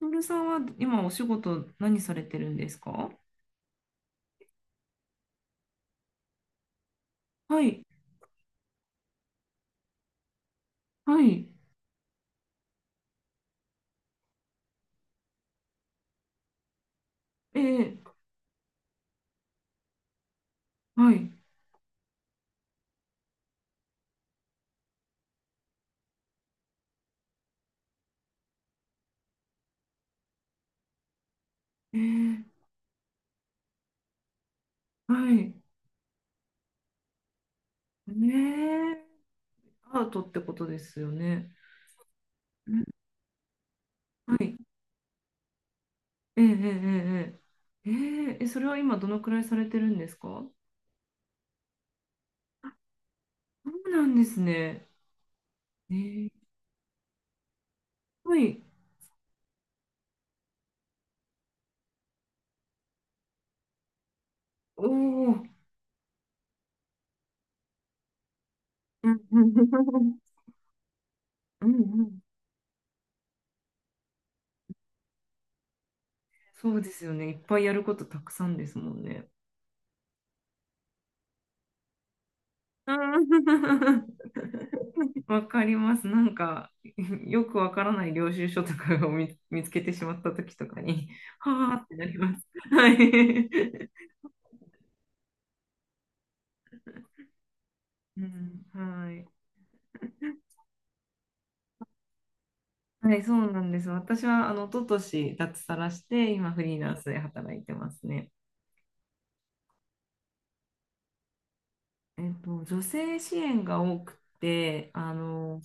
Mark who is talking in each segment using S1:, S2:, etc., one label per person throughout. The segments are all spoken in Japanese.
S1: トールさんは今お仕事何されてるんですか？はい、はい、えはい、えーはい、ねえ、アートってことですよね。んはい、ええ、ええ、それは今どのくらいされてるんですか？そうなんですね。ええ、はい、おお、うん、うん、うん、うん、そうですよね。いっぱいやることたくさんですもんね。うん、わかります。なんか、よくわからない領収書とかを見つけてしまった時とかに、はーってなります。はい。うん、はい。はい、そうなんです。私は、あの、一昨年脱サラして、今、フリーランスで働いてますね。女性支援が多くて、あの、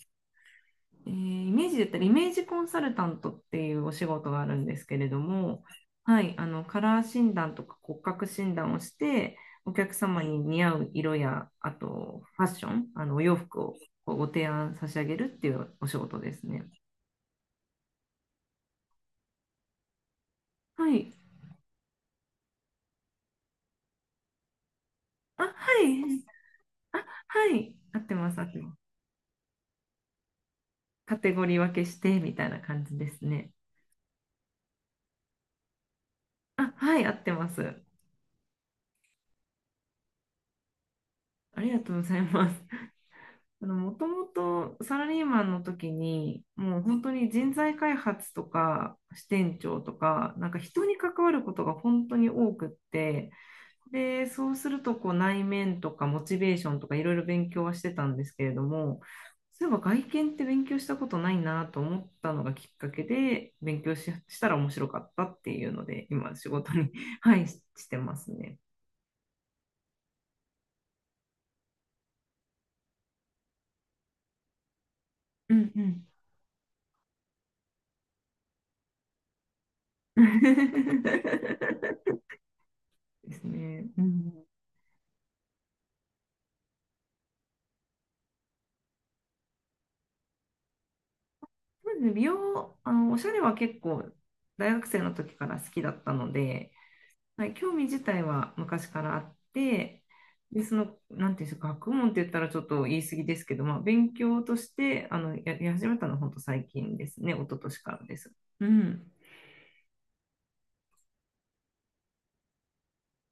S1: イメージだったらイメージコンサルタントっていうお仕事があるんですけれども、はい、あのカラー診断とか骨格診断をして、お客様に似合う色や、あとファッション、あのお洋服をこうご提案差し上げるっていうお仕事ですね。はい。あ、はい。あ、はい。合ってます、合ってます。カテゴリー分けしてみたいな感じですね。あ、はい、合ってます。ありがとうございます。もともとサラリーマンの時に、もう本当に人材開発とか支店長とか、なんか人に関わることが本当に多くって、で、そうするとこう内面とかモチベーションとかいろいろ勉強はしてたんですけれども、そういえば外見って勉強したことないなと思ったのがきっかけで、勉強し、したら面白かったっていうので、今仕事に はい、してますね。うん、うん。ですね。うん。そうですね、美容、あの、おしゃれは結構大学生の時から好きだったので、はい、興味自体は昔からあって、で、その、なんていうんですか、学問って言ったらちょっと言い過ぎですけど、まあ、勉強として、あの、やり始めたのは本当最近ですね、一昨年からです。うん。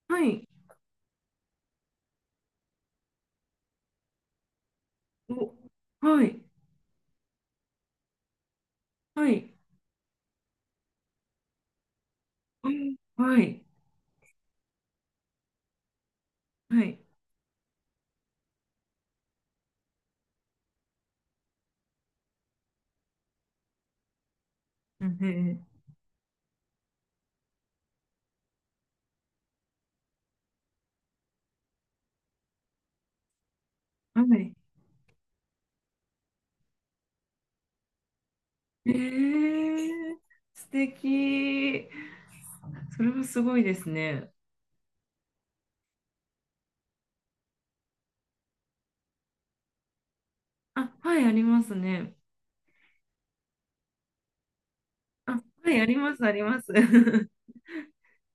S1: はい。お、はい。はい。うん、はい。はい。うん。はい。えー、素敵。それはすごいですね。あ、はい、ありますね。あ、はい、あります、あります。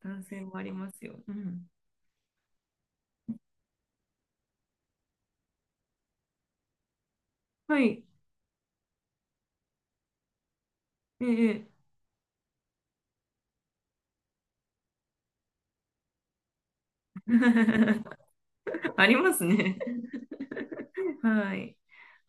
S1: 男性もありますよ。うん。はい。ええ。ありますね。はい。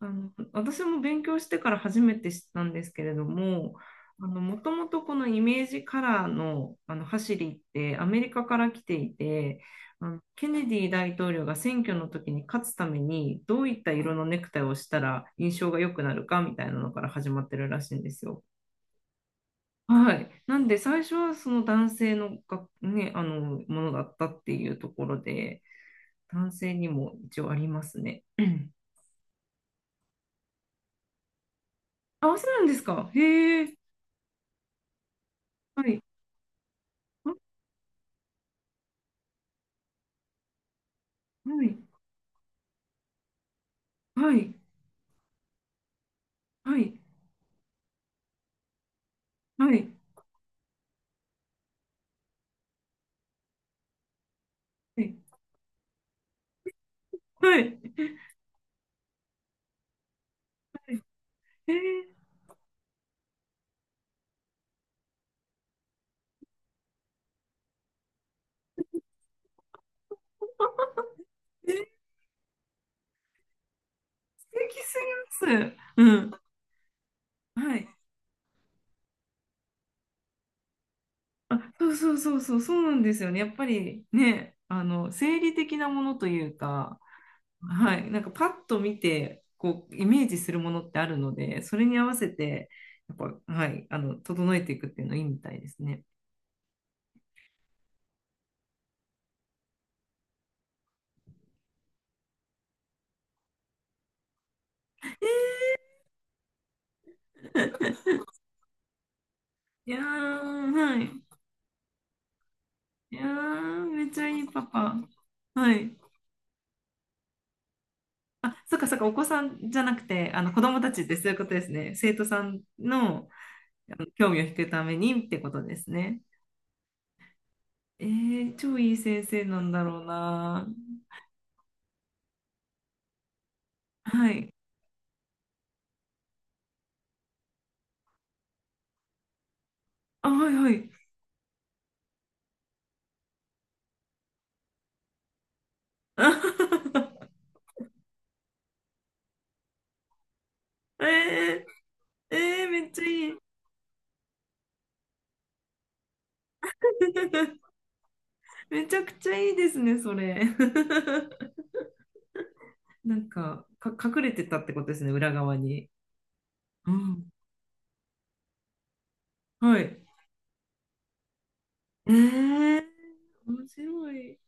S1: あの、私も勉強してから初めて知ったんですけれども、あの、もともとこのイメージカラーの、あの、走りってアメリカから来ていて、あの、ケネディ大統領が選挙の時に勝つためにどういった色のネクタイをしたら印象が良くなるかみたいなのから始まってるらしいんですよ。はい。なんで、最初はその男性のが、ね、あの、ものだったっていうところで、男性にも一応ありますね。うん。あ、そうなんですか。へえ。はい。あ、はい。はい。はい。はい。はい。はい、へえ。え、素敵すぎます。うん。はい。あ、そうそうそうそう、そうなんですよね。やっぱりね、あの、生理的なものというか、はい、なんかパッと見てこうイメージするものってあるので、それに合わせてやっぱ、はい、あの整えていくっていうのいいみたいですね。いやー、はい。いやー、めっちゃいいパパ。はい。あ、そっかそっか、お子さんじゃなくて、あの子供たちってそういうことですね。生徒さんの、あの興味を引くためにってことですね。えー、超いい先生なんだろうな。はい。あ、はいはい。えー、えー、めっちゃいい。めちゃくちゃいいですね、それ。なんか、隠れてたってことですね、裏側に。うん。はい。えー、面白い。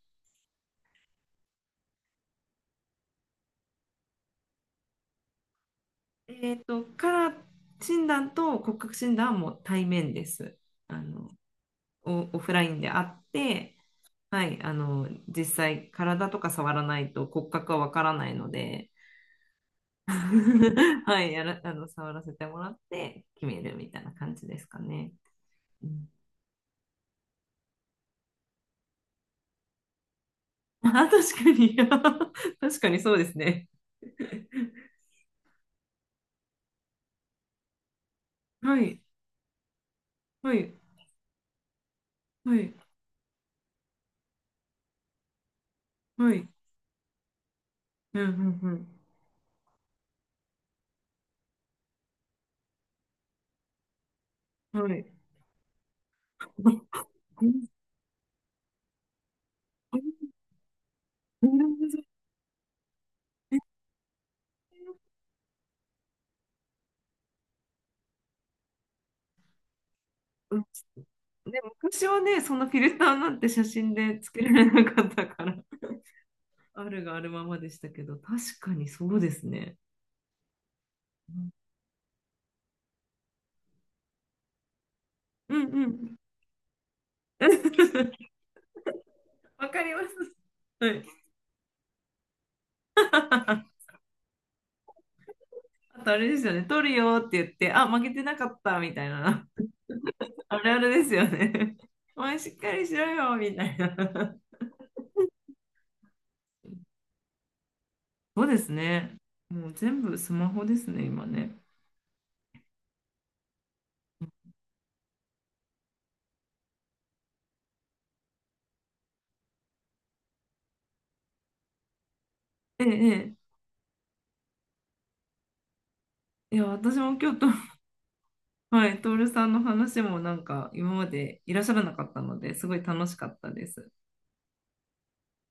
S1: カラー診断と骨格診断はもう対面です。あの、オフラインであって、はい、あの、実際、体とか触らないと骨格はわからないので、はい、あの、触らせてもらって決めるみたいな感じですかね。うん。あ、確かに。確かにそうですね。はい、はい、はい、はい。うん、うん、うん。はい。なるほどね。うん。ね、昔はね、そんなフィルターなんて写真でつけられなかったから、あるがあるままでしたけど、確かにそうですね。うん、うん、うん。わかります。はい。あとあれですよね、撮るよって言って、あ、負けてなかったみたいな。あるあるですよね。お前しっかりしろよ、みたいな。そうですね。もう全部スマホですね、今ね。ええ、ええ。いや、私も今日と、はい、トールさんの話もなんか今までいらっしゃらなかったので、すごい楽しかったです。